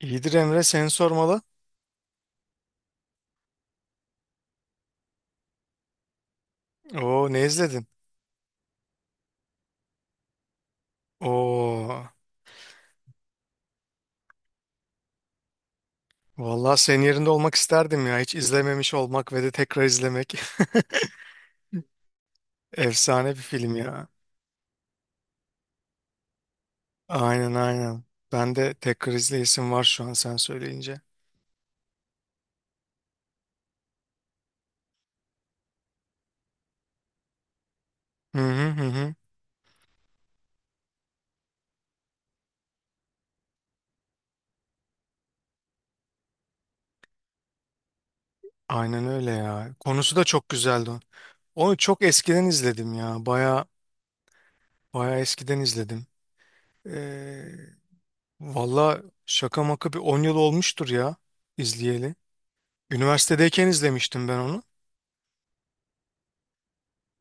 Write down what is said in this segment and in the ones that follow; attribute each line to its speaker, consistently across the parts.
Speaker 1: İyidir Emre, seni sormalı. Oo, ne izledin? Oo, vallahi senin yerinde olmak isterdim ya. Hiç izlememiş olmak ve de tekrar izlemek. Efsane bir film ya. Aynen aynen. Ben de tekrar izleyesim var şu an sen söyleyince. Hı hı hı, hı. Aynen öyle ya. Konusu da çok güzeldi onun. Onu çok eskiden izledim ya. Baya baya eskiden izledim. Ee, Valla şaka maka bir 10 yıl olmuştur ya izleyeli. Üniversitedeyken izlemiştim ben onu.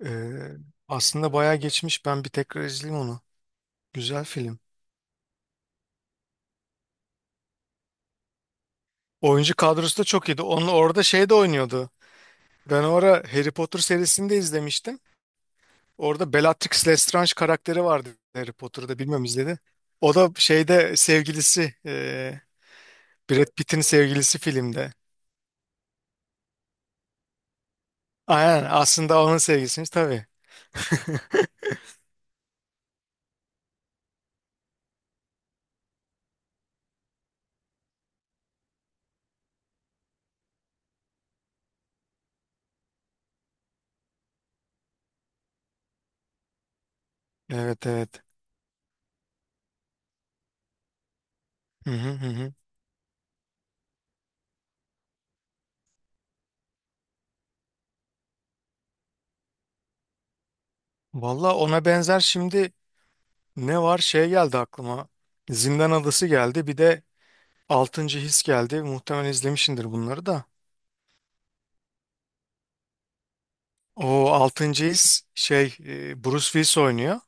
Speaker 1: Ee, Aslında bayağı geçmiş. Ben bir tekrar izleyeyim onu. Güzel film. Oyuncu kadrosu da çok iyiydi. Onun orada şey de oynuyordu. Ben o ara Harry Potter serisini de izlemiştim. Orada Bellatrix Lestrange karakteri vardı. Harry Potter'da bilmem izledi. O da şeyde sevgilisi, Brad Pitt'in sevgilisi filmde. Aynen, aslında onun sevgilisiymiş tabii. Evet evet. Hı hı hı, hı. Valla ona benzer şimdi ne var şey geldi aklıma. Zindan Adası geldi. Bir de Altıncı His geldi. Muhtemelen izlemişsindir bunları da. O Altıncı His şey, Bruce Willis oynuyor.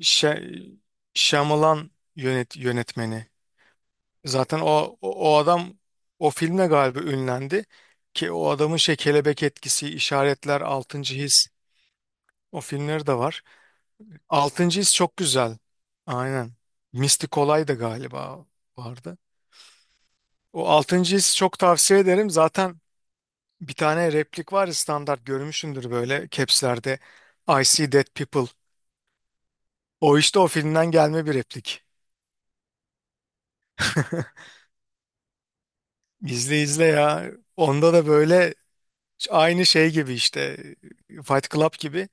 Speaker 1: Şe Shyamalan yönetmeni. Zaten o adam o filmle galiba ünlendi. Ki o adamın şey kelebek etkisi, işaretler, Altıncı His, o filmleri de var. Altıncı His çok güzel. Aynen. Mistik Olay da galiba vardı. O Altıncı His çok tavsiye ederim. Zaten bir tane replik var ya, standart görmüşsündür böyle capslerde. I see dead people. O işte o filmden gelme bir replik. İzle izle ya. Onda da böyle aynı şey gibi işte, Fight Club gibi,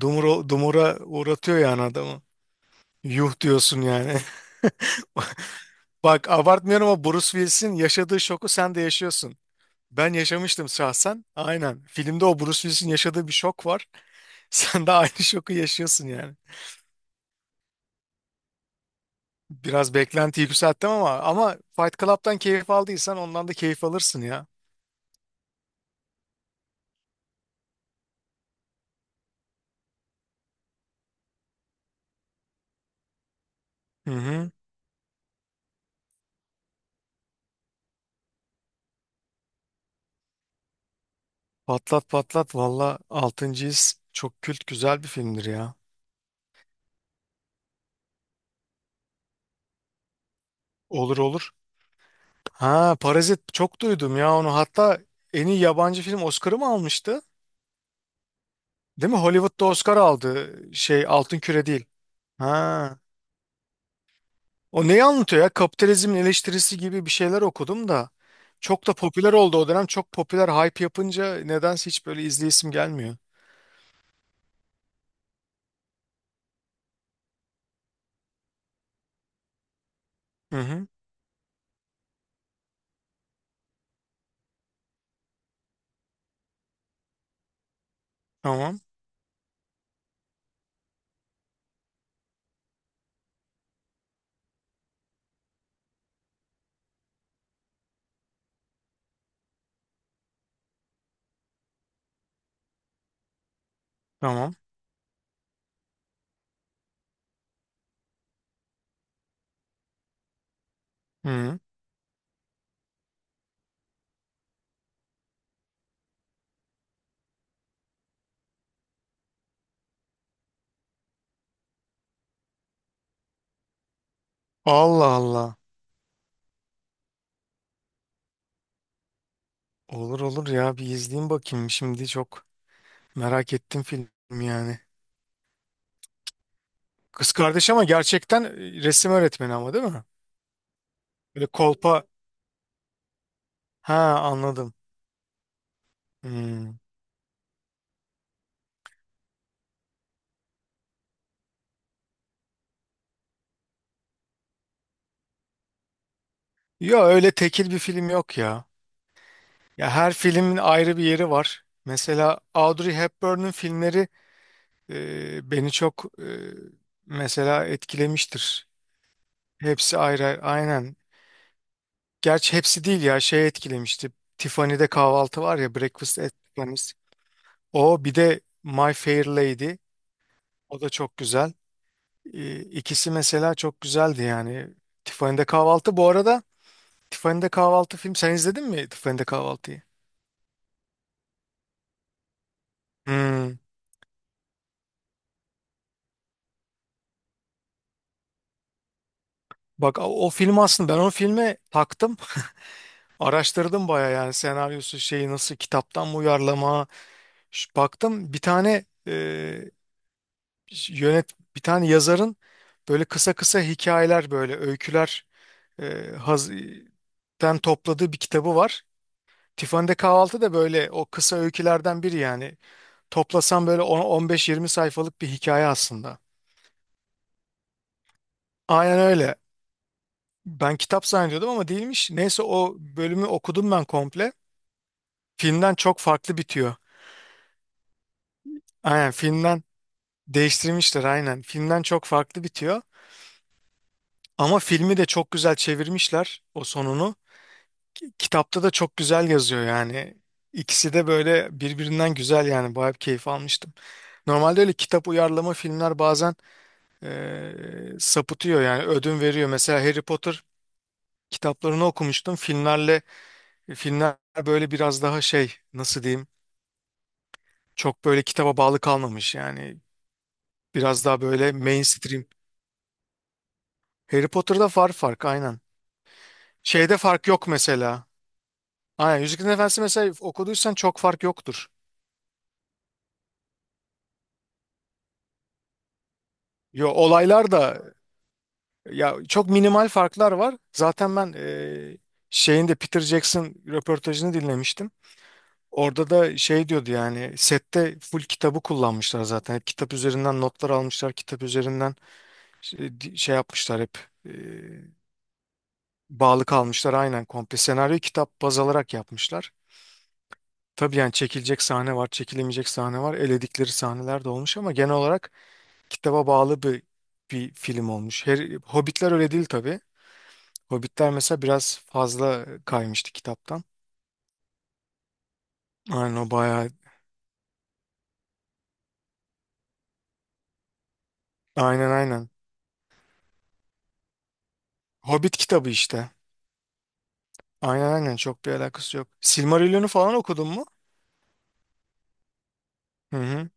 Speaker 1: dumura, dumura uğratıyor yani adamı. Yuh diyorsun yani. Bak, abartmıyorum ama Bruce Willis'in yaşadığı şoku sen de yaşıyorsun. Ben yaşamıştım şahsen. Aynen. Filmde o Bruce Willis'in yaşadığı bir şok var. Sen de aynı şoku yaşıyorsun yani. Biraz beklenti yükselttim ama Fight Club'dan keyif aldıysan ondan da keyif alırsın ya. Hı hı. Patlat patlat, valla 6. His çok kült, güzel bir filmdir ya. Olur olur. Ha, Parazit, çok duydum ya onu. Hatta en iyi yabancı film Oscar'ı mı almıştı? Değil mi? Hollywood'da Oscar aldı, şey Altın Küre değil. Ha. O neyi anlatıyor ya? Kapitalizmin eleştirisi gibi bir şeyler okudum da. Çok da popüler oldu o dönem. Çok popüler hype yapınca nedense hiç böyle izleyesim gelmiyor. Hı hı. Tamam. Tamam. Hı. Allah Allah. Olur olur ya, bir izleyeyim bakayım. Şimdi çok merak ettim film yani. Kız kardeş ama gerçekten, resim öğretmeni ama, değil mi? Böyle kolpa. Ha, anladım. Hmm. Ya, öyle tekil bir film yok ya. Ya her filmin ayrı bir yeri var. Mesela Audrey Hepburn'un filmleri, beni çok, mesela etkilemiştir. Hepsi ayrı, ayrı. Aynen. Gerçi hepsi değil ya, şey etkilemişti. Tiffany'de Kahvaltı var ya, Breakfast at Tiffany's. O bir de My Fair Lady. O da çok güzel. İkisi mesela çok güzeldi yani. Tiffany'de Kahvaltı bu arada, Tiffany'de Kahvaltı film, sen izledin mi Tiffany'de Kahvaltı'yı? Hmm. Bak, o film, aslında ben o filme taktım. Araştırdım baya, yani senaryosu şeyi nasıl, kitaptan mı uyarlama. Baktım, bir tane yönet bir tane yazarın böyle kısa kısa hikayeler, böyle öyküler, e, haz- den topladığı bir kitabı var. Tiffany'de Kahvaltı da böyle o kısa öykülerden biri yani. Toplasam böyle 10-15-20 sayfalık bir hikaye aslında. Aynen öyle. Ben kitap zannediyordum ama değilmiş. Neyse, o bölümü okudum ben komple. Filmden çok farklı bitiyor. Aynen filmden değiştirmişler aynen. Filmden çok farklı bitiyor. Ama filmi de çok güzel çevirmişler o sonunu. Kitapta da çok güzel yazıyor yani. İkisi de böyle birbirinden güzel yani. Bayağı bir keyif almıştım. Normalde öyle kitap uyarlama filmler bazen sapıtıyor yani, ödün veriyor. Mesela Harry Potter kitaplarını okumuştum. Filmler böyle biraz daha şey, nasıl diyeyim, çok böyle kitaba bağlı kalmamış yani. Biraz daha böyle mainstream. Harry Potter'da var fark, aynen. Şeyde fark yok mesela. Aynen, Yüzüklerin Efendisi mesela, okuduysan çok fark yoktur. Yo, olaylar da. Ya, çok minimal farklar var. Zaten ben, şeyinde Peter Jackson röportajını dinlemiştim. Orada da şey diyordu yani, sette full kitabı kullanmışlar zaten. Hep kitap üzerinden notlar almışlar. Kitap üzerinden şey, şey yapmışlar hep. e, Bağlı kalmışlar aynen komple. Senaryo kitap baz alarak yapmışlar. Tabii yani çekilecek sahne var, çekilemeyecek sahne var. Eledikleri sahneler de olmuş ama genel olarak kitaba bağlı bir film olmuş. Hobbitler öyle değil tabii. Hobbitler mesela biraz fazla kaymıştı kitaptan. Aynen, o bayağı. Aynen aynen. Hobbit kitabı işte. Aynen aynen, çok bir alakası yok. Silmarillion'u falan okudun mu? Hı hı.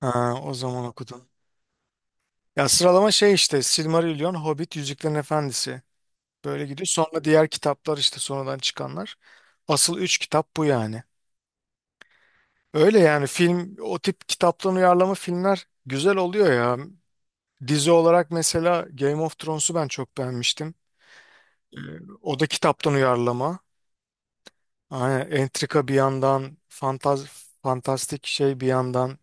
Speaker 1: Ha, o zaman okudun. Ya, sıralama şey işte, Silmarillion, Hobbit, Yüzüklerin Efendisi. Böyle gidiyor. Sonra diğer kitaplar işte, sonradan çıkanlar. Asıl üç kitap bu yani. Öyle yani, film o tip kitaptan uyarlama filmler güzel oluyor ya. Dizi olarak mesela Game of Thrones'u ben çok beğenmiştim. O da kitaptan uyarlama. Aynen, entrika bir yandan, fantastik şey bir yandan.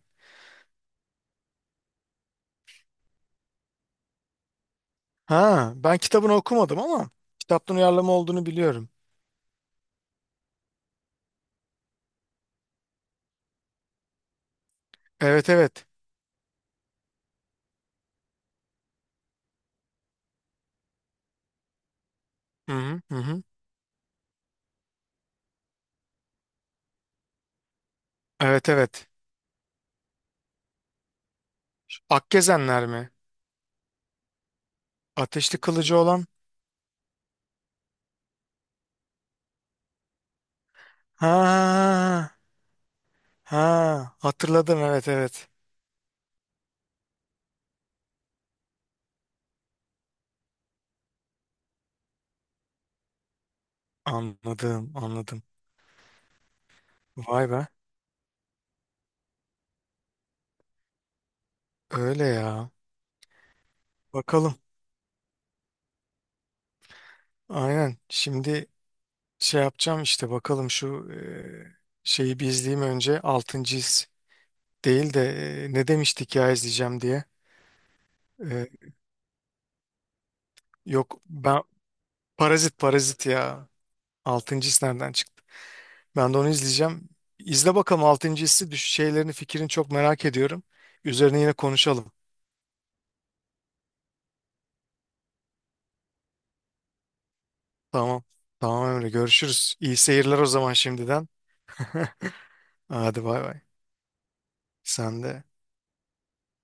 Speaker 1: Ha, ben kitabını okumadım ama kitaptan uyarlama olduğunu biliyorum. Evet evet. Hı hı hı, hı. Evet evet. Akgezenler mi? Ateşli kılıcı olan. Ha, ha, hatırladım, evet evet. Anladım anladım. Vay be. Öyle ya. Bakalım. Aynen. Şimdi şey yapacağım işte, bakalım şu şeyi bir izleyeyim önce. Altıncı His değil de ne demiştik ya izleyeceğim diye. Eee, yok, ben Parazit Parazit ya. Altıncı His nereden çıktı? Ben de onu izleyeceğim. İzle bakalım Altıncı Hissi, şeylerini, fikrini çok merak ediyorum. Üzerine yine konuşalım. Tamam. Tamam, öyle görüşürüz. İyi seyirler o zaman şimdiden. Hadi bay bay. Sen de.